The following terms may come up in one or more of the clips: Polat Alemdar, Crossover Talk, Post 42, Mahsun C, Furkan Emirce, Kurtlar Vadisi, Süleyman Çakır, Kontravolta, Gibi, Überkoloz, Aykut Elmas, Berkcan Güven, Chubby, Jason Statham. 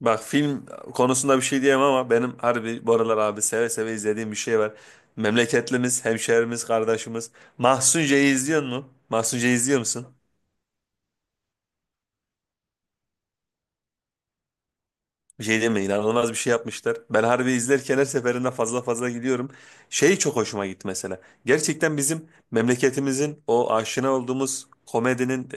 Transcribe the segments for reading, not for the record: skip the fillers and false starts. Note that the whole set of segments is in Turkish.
Bak film konusunda bir şey diyemem ama benim harbi bu aralar abi seve seve izlediğim bir şey var. Memleketlimiz, hemşehrimiz, kardeşimiz. Mahsun C'yi izliyor mu? Mahsun C'yi izliyor musun? Bir şey deme inanılmaz bir şey yapmışlar. Ben harbi izlerken her seferinde fazla fazla gidiyorum. Şey çok hoşuma gitti mesela. Gerçekten bizim memleketimizin o aşina olduğumuz komedinin,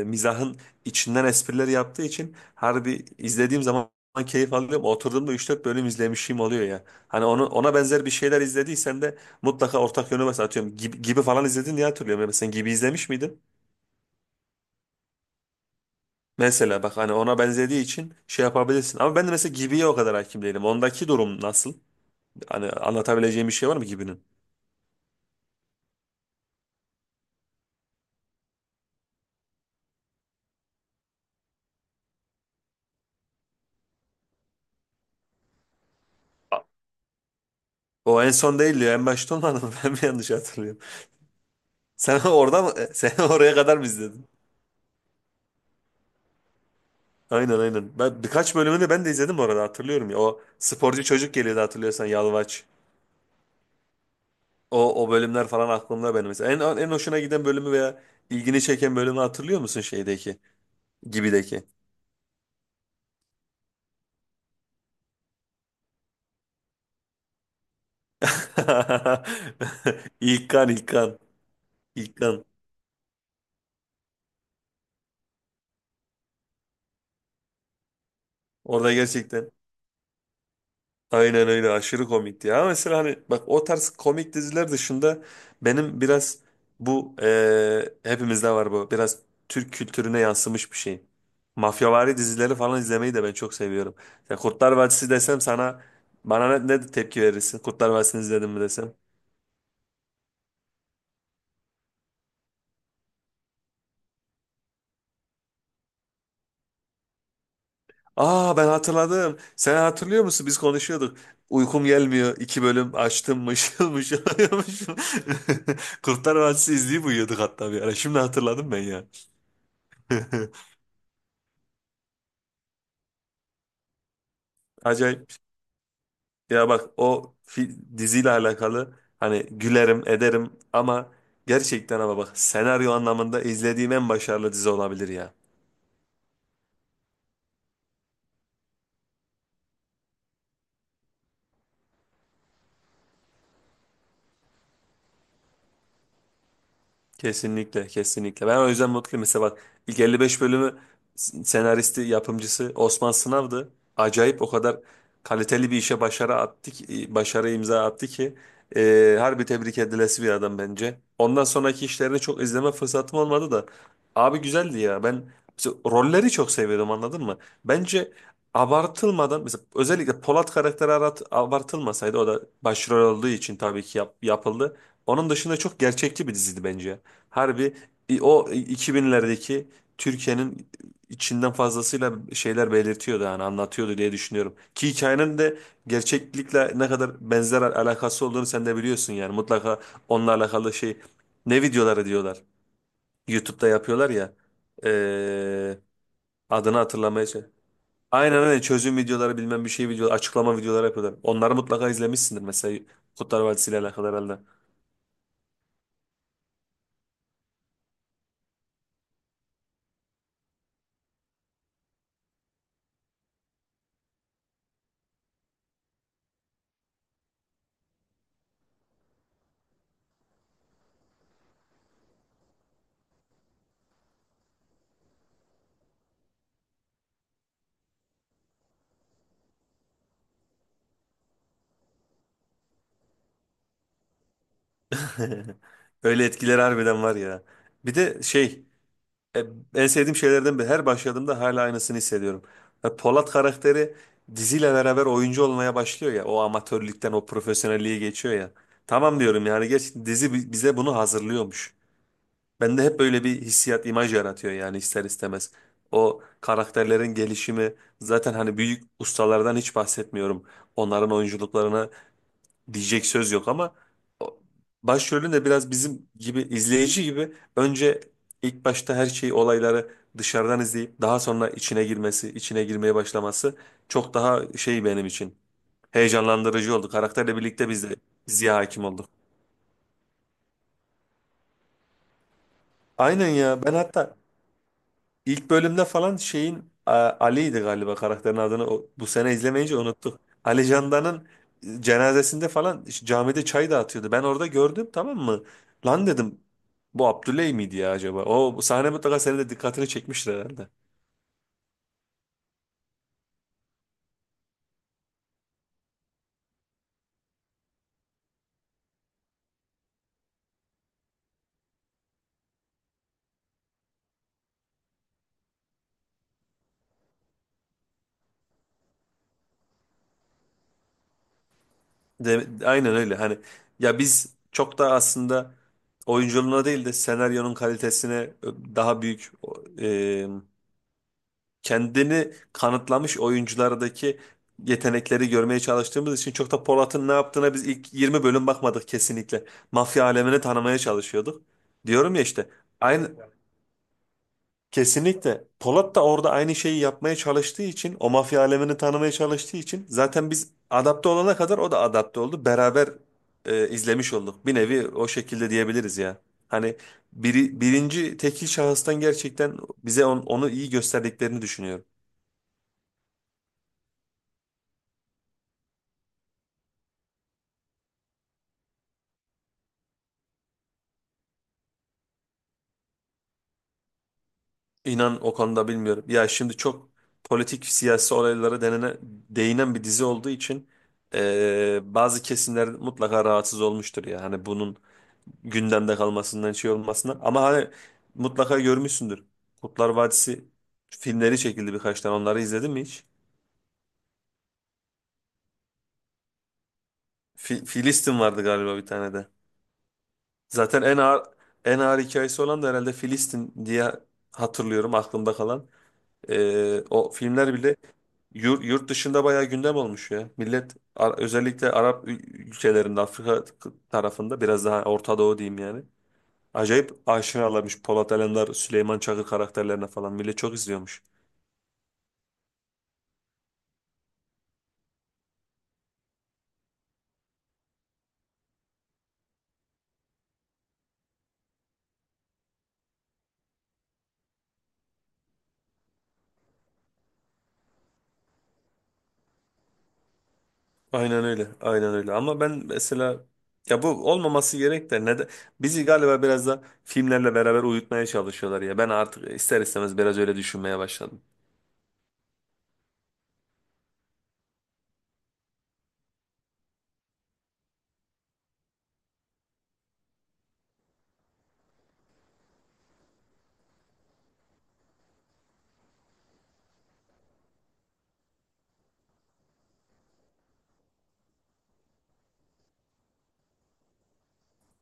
mizahın içinden espriler yaptığı için harbi izlediğim zaman keyif alıyorum. Oturduğumda üç dört bölüm izlemişim oluyor ya. Hani onu, ona benzer bir şeyler izlediysen de mutlaka ortak yönü mesela atıyorum. Gibi, gibi falan izledin diye hatırlıyorum. Ya mesela gibi izlemiş miydin? Mesela bak hani ona benzediği için şey yapabilirsin. Ama ben de mesela Gibi'ye o kadar hakim değilim. Ondaki durum nasıl? Hani anlatabileceğim bir şey var mı gibinin? A- O en son değil diyor. En başta olmadı mı? Ben mi yanlış hatırlıyorum? Sen orada mı? Sen oraya kadar mı izledin? Aynen, aynen. Ben birkaç bölümünü ben de izledim orada hatırlıyorum ya. O sporcu çocuk geliyordu hatırlıyorsan Yalvaç. O bölümler falan aklımda benim mesela. En hoşuna giden bölümü veya ilgini çeken bölümü hatırlıyor musun şeydeki? Gibideki. İlkan İlkan İlkan. Orada gerçekten aynen öyle aşırı komikti ya. Ama mesela hani bak o tarz komik diziler dışında benim biraz bu hepimizde var bu biraz Türk kültürüne yansımış bir şey. Mafyavari dizileri falan izlemeyi de ben çok seviyorum. Ya Kurtlar Vadisi desem sana bana ne tepki verirsin? Kurtlar Vadisi'ni izledin mi desem? Aa ben hatırladım. Sen hatırlıyor musun? Biz konuşuyorduk. Uykum gelmiyor. İki bölüm açtım mışıl mışıl uyumuşum. Kurtlar Vadisi izleyip uyuyorduk hatta bir ara. Şimdi hatırladım ben ya. Acayip. Ya bak o diziyle alakalı hani gülerim ederim ama gerçekten ama bak senaryo anlamında izlediğim en başarılı dizi olabilir ya. Kesinlikle, kesinlikle. Ben o yüzden mutluyum. Mesela bak ilk 55 bölümü senaristi, yapımcısı Osman Sınav'dı. Acayip o kadar kaliteli bir işe başarı imza attı ki harbi tebrik edilesi bir adam bence. Ondan sonraki işlerini çok izleme fırsatım olmadı da abi güzeldi ya. Ben mesela rolleri çok seviyordum anladın mı? Bence abartılmadan mesela özellikle Polat karakteri abartılmasaydı o da başrol olduğu için tabii ki yapıldı. Onun dışında çok gerçekçi bir diziydi bence. Harbi o 2000'lerdeki Türkiye'nin içinden fazlasıyla şeyler belirtiyordu yani anlatıyordu diye düşünüyorum. Ki hikayenin de gerçeklikle ne kadar benzer alakası olduğunu sen de biliyorsun yani mutlaka onunla alakalı şey ne videoları diyorlar. YouTube'da yapıyorlar ya eee, adını hatırlamaya Aynen öyle çözüm videoları bilmem bir şey video açıklama videoları yapıyorlar. Onları mutlaka izlemişsindir mesela Kurtlar Vadisi ile alakalı herhalde. Öyle etkileri harbiden var ya. Bir de şey E, en sevdiğim şeylerden biri. Her başladığımda hala aynısını hissediyorum. Ve Polat karakteri diziyle beraber oyuncu olmaya başlıyor ya. O amatörlükten o profesyonelliğe geçiyor ya. Tamam diyorum yani gerçekten dizi bize bunu hazırlıyormuş. Bende hep böyle bir hissiyat, imaj yaratıyor yani ister istemez. O karakterlerin gelişimi zaten hani büyük ustalardan hiç bahsetmiyorum. Onların oyunculuklarına diyecek söz yok ama o- başrolün de biraz bizim gibi izleyici gibi önce ilk başta her şeyi olayları dışarıdan izleyip daha sonra içine girmesi, içine girmeye başlaması çok daha şey benim için heyecanlandırıcı oldu. Karakterle birlikte biz de diziye hakim olduk. Aynen ya ben hatta İlk bölümde falan şeyin Ali'ydi galiba karakterin adını bu sene izlemeyince unuttuk. Ali Candan'ın cenazesinde falan işte camide çay dağıtıyordu. Ben orada gördüm tamam mı? Lan dedim bu Abdüley miydi ya acaba? O bu sahne mutlaka senin de dikkatini çekmiştir herhalde. De, aynen öyle hani ya biz çok da aslında oyunculuğuna değil de senaryonun kalitesine daha büyük kendini kanıtlamış oyunculardaki yetenekleri görmeye çalıştığımız için çok da Polat'ın ne yaptığına biz ilk 20 bölüm bakmadık kesinlikle. Mafya alemini tanımaya çalışıyorduk. Diyorum ya işte aynı kesinlikle Polat da orada aynı şeyi yapmaya çalıştığı için o mafya alemini tanımaya çalıştığı için zaten biz adapte olana kadar o da adapte oldu. Beraber izlemiş olduk. Bir nevi o şekilde diyebiliriz ya. Hani birinci tekil şahıstan gerçekten bize onu iyi gösterdiklerini düşünüyorum. İnan o konuda bilmiyorum. Ya şimdi çok politik siyasi olaylara değinen bir dizi olduğu için bazı kesimler mutlaka rahatsız olmuştur ya. Hani bunun gündemde kalmasından şey olmasına. Ama hani mutlaka görmüşsündür. Kurtlar Vadisi filmleri çekildi birkaç tane. Onları izledin mi hiç? Filistin vardı galiba bir tane de. Zaten en ağır hikayesi olan da herhalde Filistin diye hatırlıyorum aklımda kalan. O filmler bile yurt dışında bayağı gündem olmuş ya. Millet özellikle Arap ülkelerinde Afrika tarafında biraz daha Orta Doğu diyeyim yani. Acayip aşinalarmış Polat Alemdar, Süleyman Çakır karakterlerine falan. Millet çok izliyormuş. Aynen öyle. Aynen öyle. Ama ben mesela ya bu olmaması gerek de neden bizi galiba biraz da filmlerle beraber uyutmaya çalışıyorlar ya. Ben artık ister istemez biraz öyle düşünmeye başladım.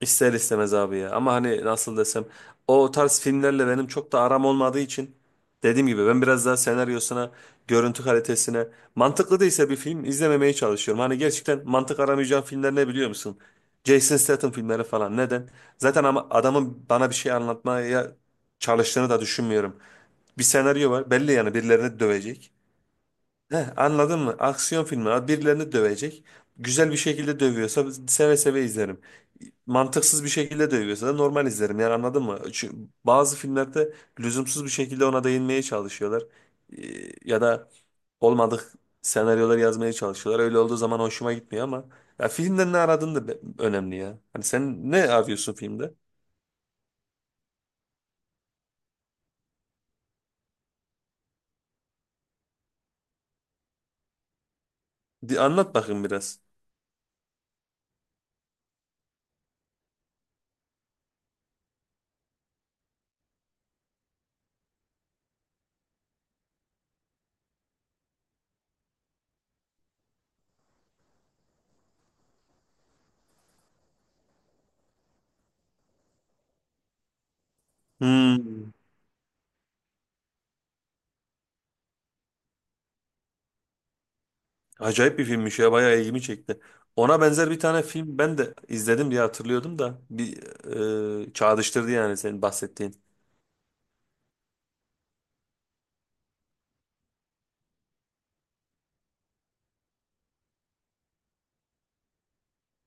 İster istemez abi ya. Ama hani nasıl desem o tarz filmlerle benim çok da aram olmadığı için dediğim gibi ben biraz daha senaryosuna, görüntü kalitesine mantıklı değilse bir film izlememeye çalışıyorum. Hani gerçekten mantık aramayacağım filmler ne biliyor musun? Jason Statham filmleri falan. Neden? Zaten ama adamın bana bir şey anlatmaya çalıştığını da düşünmüyorum. Bir senaryo var. Belli yani birilerini dövecek. Heh, anladın mı? Aksiyon filmi. Birilerini dövecek. Güzel bir şekilde dövüyorsa seve seve izlerim. Mantıksız bir şekilde dövüyorsa da normal izlerim. Yani anladın mı? Çünkü bazı filmlerde lüzumsuz bir şekilde ona değinmeye çalışıyorlar. Ya da olmadık senaryolar yazmaya çalışıyorlar. Öyle olduğu zaman hoşuma gitmiyor ama ya filmden ne aradığın da önemli ya. Hani sen ne arıyorsun filmde? Anlat bakayım biraz. Hmm. Acayip bir filmmiş ya bayağı ilgimi çekti. Ona benzer bir tane film ben de izledim diye hatırlıyordum da bir çağrıştırdı yani senin bahsettiğin.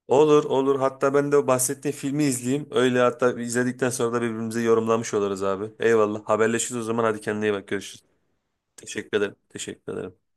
Olur olur hatta ben de o bahsettiğin filmi izleyeyim. Öyle hatta izledikten sonra da birbirimize yorumlamış oluruz abi. Eyvallah haberleşiriz o zaman hadi kendine iyi bak görüşürüz. Teşekkür ederim. Teşekkür ederim.